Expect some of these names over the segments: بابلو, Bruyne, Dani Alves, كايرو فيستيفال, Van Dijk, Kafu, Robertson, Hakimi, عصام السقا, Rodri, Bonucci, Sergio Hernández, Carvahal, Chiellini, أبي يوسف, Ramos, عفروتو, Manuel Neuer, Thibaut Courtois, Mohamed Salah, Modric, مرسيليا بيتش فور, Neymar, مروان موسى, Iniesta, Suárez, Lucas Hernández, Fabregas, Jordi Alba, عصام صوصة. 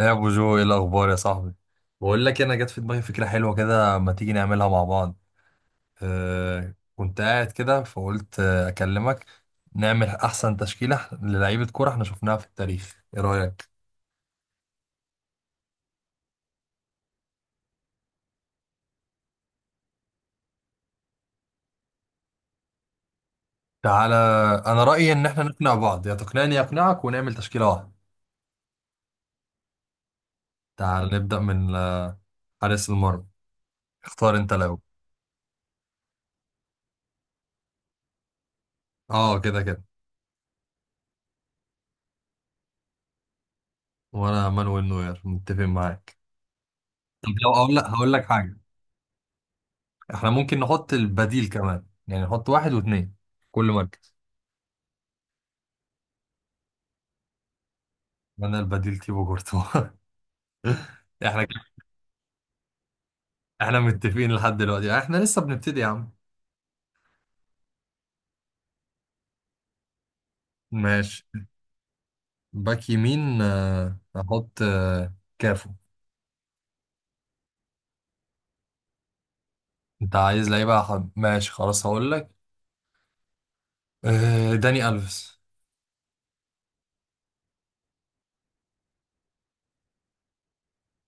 يا ابو جو، ايه الاخبار يا صاحبي؟ بقول لك، انا جت في دماغي فكره حلوه كده، ما تيجي نعملها مع بعض؟ كنت قاعد كده فقلت اكلمك. نعمل احسن تشكيله للعيبه كوره احنا شفناها في التاريخ، ايه رايك؟ تعالى. انا رايي ان احنا نقنع بعض، يا تقنعني يا اقنعك، ونعمل تشكيله واحده. تعال نبدا من حارس المرمى. اختار انت الاول. اه، كده كده. وانا مانويل نوير، متفق معاك. طب لو اقول لك هقول لك حاجه، احنا ممكن نحط البديل كمان، يعني نحط واحد واثنين، كل مركز. انا البديل تيبو كورتوا. احنا كده- احنا متفقين لحد دلوقتي، احنا لسه بنبتدي يا عم. ماشي. باك يمين، احط كافو. انت عايز لعيبه ماشي، خلاص هقول لك. داني الفيس.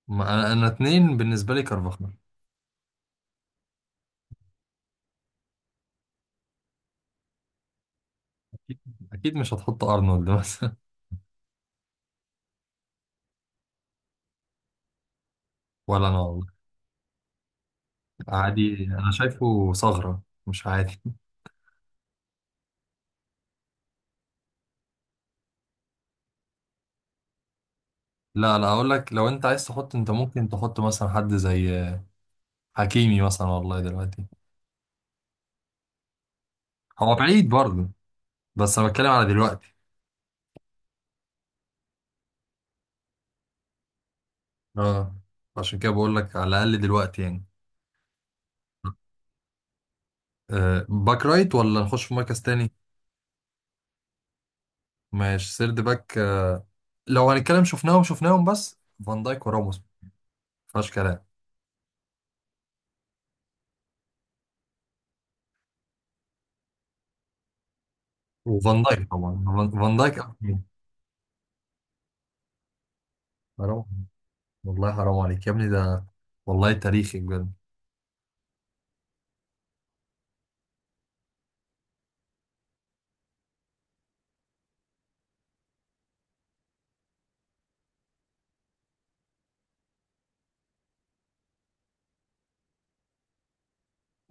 ما انا اتنين بالنسبه لي كارفاخال. اكيد. أكيد مش هتحط ارنولد مثلا. ولا انا والله. عادي؟ انا شايفه ثغره مش عادي. لا لا، هقول لك، لو انت عايز تحط، انت ممكن تحط مثلا حد زي حكيمي مثلا، والله دلوقتي. هو بعيد برضه، بس انا بتكلم على دلوقتي. اه، عشان كده بقول لك على الاقل دلوقتي يعني. باك رايت، ولا نخش في مركز تاني؟ ماشي، سيرد باك. لو هنتكلم شفناهم شفناهم، بس فان دايك وراموس، مفيهاش كلام. وفان دايك طبعا، فان دايك أحسن منه. حرام، والله حرام عليك يا ابني، ده والله تاريخي بجد.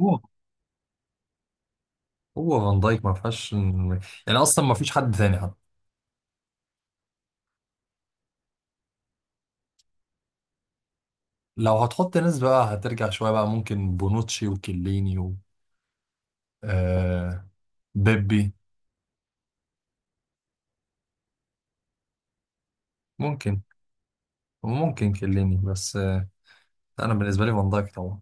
هو هو فان دايك ما فيهاش، يعني اصلا ما فيش حد تاني حتى. لو هتحط ناس بقى هترجع شوية، بقى ممكن بونوتشي وكيليني و آه بيبي. ممكن، وممكن كيليني بس. أنا بالنسبة لي فان دايك طبعا.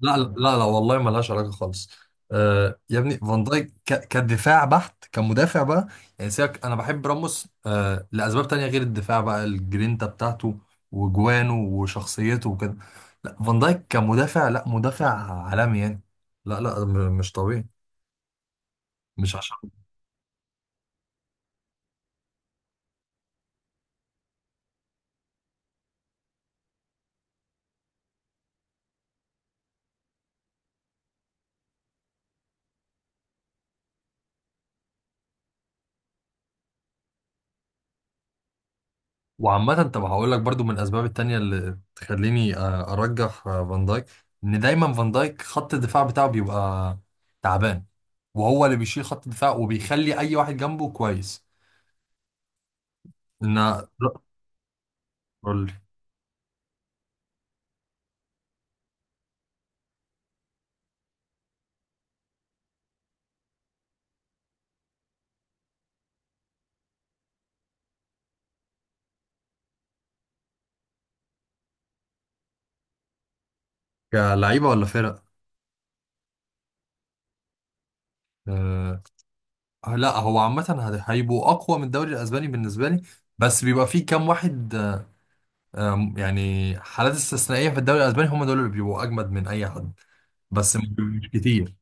لا لا لا، والله ملهاش علاقة خالص. يا ابني، فان دايك كدفاع بحت، كمدافع بقى. يعني سيبك، أنا بحب راموس لأسباب تانية غير الدفاع، بقى الجرينتا بتاعته وجوانه وشخصيته وكده. لا، فان دايك كمدافع، لا، مدافع عالمي يعني. لا لا، مش طبيعي. مش عشان. وعامة، طب هقول لك برضو، من الأسباب التانية اللي تخليني أرجح فان دايك، إن دايما فان دايك خط الدفاع بتاعه بيبقى تعبان، وهو اللي بيشيل خط الدفاع وبيخلي أي واحد جنبه كويس. إن قول لي. كلعيبة ولا فرق؟ آه. لا، هو عامة هيبقوا أقوى من الدوري الأسباني بالنسبة لي، بس بيبقى فيه كام واحد، آه، آم، يعني حالات استثنائية في الدوري الأسباني، هم دول اللي بيبقوا أجمد من أي حد، بس مش كتير.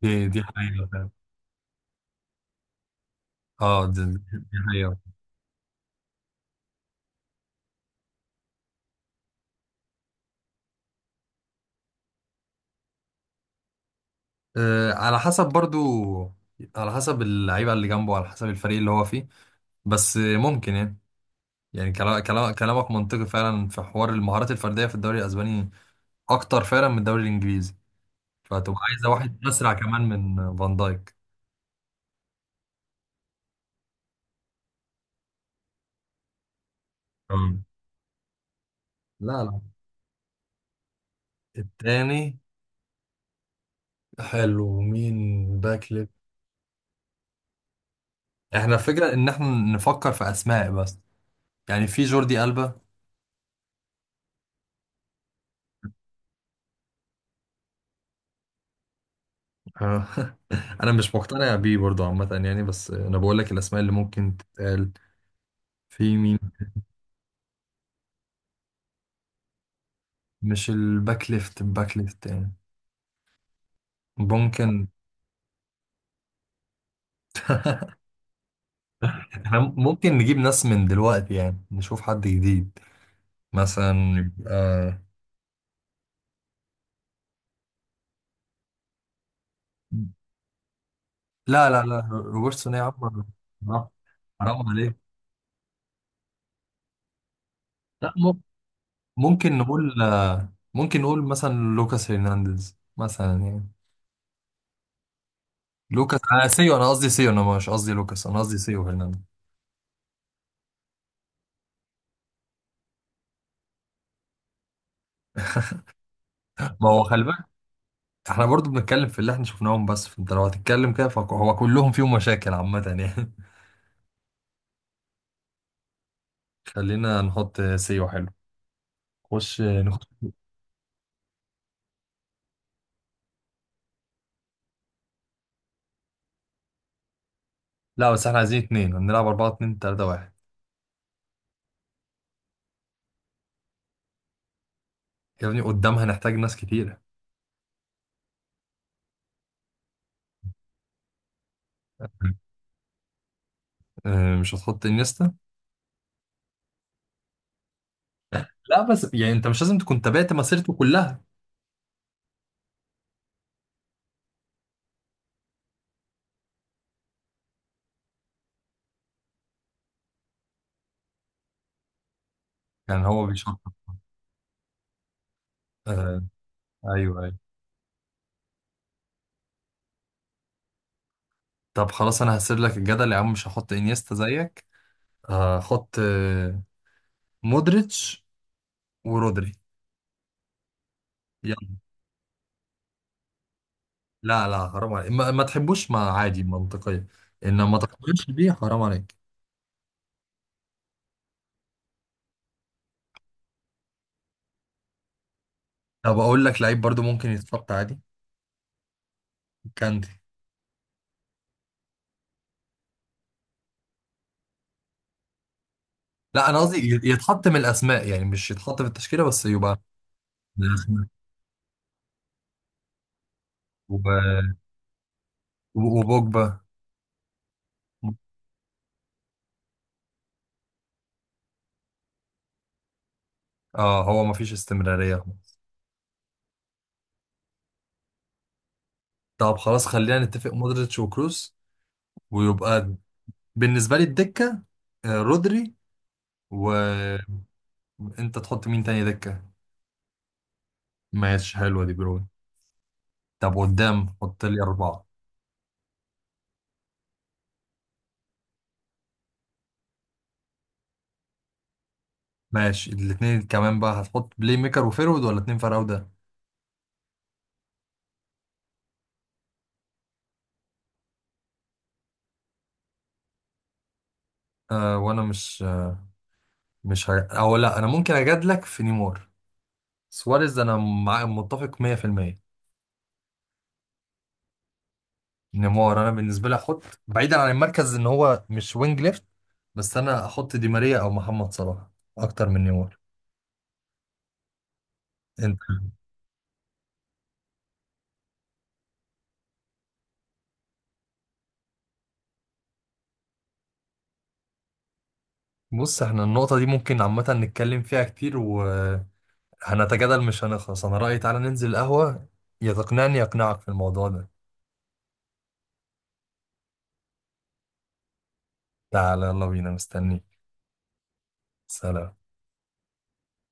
دي حقيقة فعلا. اه، دي حقيقة. على حسب برضو، على حسب اللعيبة اللي جنبه، على حسب الفريق اللي هو فيه. بس ممكن يعني، يعني كلامك منطقي فعلا، في حوار المهارات الفردية في الدوري الأسباني أكتر فعلا من الدوري الإنجليزي، فهتبقى عايزة واحد أسرع كمان من فان دايك. مم. لا لا. التاني، حلو، مين؟ باك ليفت. احنا الفكرة إن احنا نفكر في أسماء بس، يعني في جوردي ألبا. آه، أنا مش مقتنع بيه برضو عامة يعني، بس أنا بقول لك الأسماء اللي ممكن تتقال. في مين؟ مش الباك ليفت، الباك ليفت يعني. ممكن. احنا ممكن نجيب ناس من دلوقتي، يعني نشوف حد جديد مثلا. لا لا لا، روبرتسون ايه يا عم؟ آه، حرام عليك. لا، ممكن نقول مثلا لوكاس هرنانديز مثلا يعني. لوكاس، انا سيو، انا قصدي سيو، انا مش قصدي لوكاس، انا قصدي سيو هرنانديز. ما هو، خلي بالك. احنا برضو بنتكلم في اللي احنا شفناهم، بس فانت لو هتتكلم كده فهو كلهم فيهم مشاكل عامة يعني. خلينا نحط سيو، حلو. خش نخش. لا بس احنا عايزين اتنين، هنلعب أربعة اتنين تلاتة واحد. يا ابني قدامها نحتاج ناس كتيرة. مش هتحط انيستا؟ لا بس يعني انت مش لازم تكون تابعت مسيرته كلها، يعني هو بيشط. آه، ايوه ايوه. طب خلاص انا هسيب لك الجدل يا عم، مش هحط انيستا زيك. هحط مودريتش ورودري. يلا. لا لا، حرام عليك، ما تحبوش ما، عادي منطقية، انما ما تقبلش بيه، حرام عليك. طب اقول لك لعيب برضو ممكن يتحط عادي. كانتي. لا انا قصدي يتحط من الاسماء، يعني مش يتحط في التشكيله بس يبقى من الاسماء وب... وبوجبا. اه، هو ما فيش استمراريه خالص. طب خلاص، خلينا نتفق مودريتش وكروس، ويبقى بالنسبه لي الدكه رودري، وانت تحط مين تاني دكه؟ ماشي، حلوه دي برون. طب قدام حط لي اربعه. ماشي، الاثنين كمان بقى، هتحط بلاي ميكر وفيرود ولا اتنين فراوده؟ وانا مش مش او لا، انا ممكن اجادلك في نيمار. سواريز انا مع متفق 100%. نيمار انا بالنسبه لي احط بعيدا عن المركز، ان هو مش وينج ليفت، بس انا احط دي ماريا او محمد صلاح اكتر من نيمار. انت بص، احنا النقطه دي ممكن عامه نتكلم فيها كتير وهنتجادل مش هنخلص، انا رايي تعالى ننزل القهوه، يا تقنعني يقنعك في الموضوع ده. تعالى يلا بينا، مستنيك. سلام.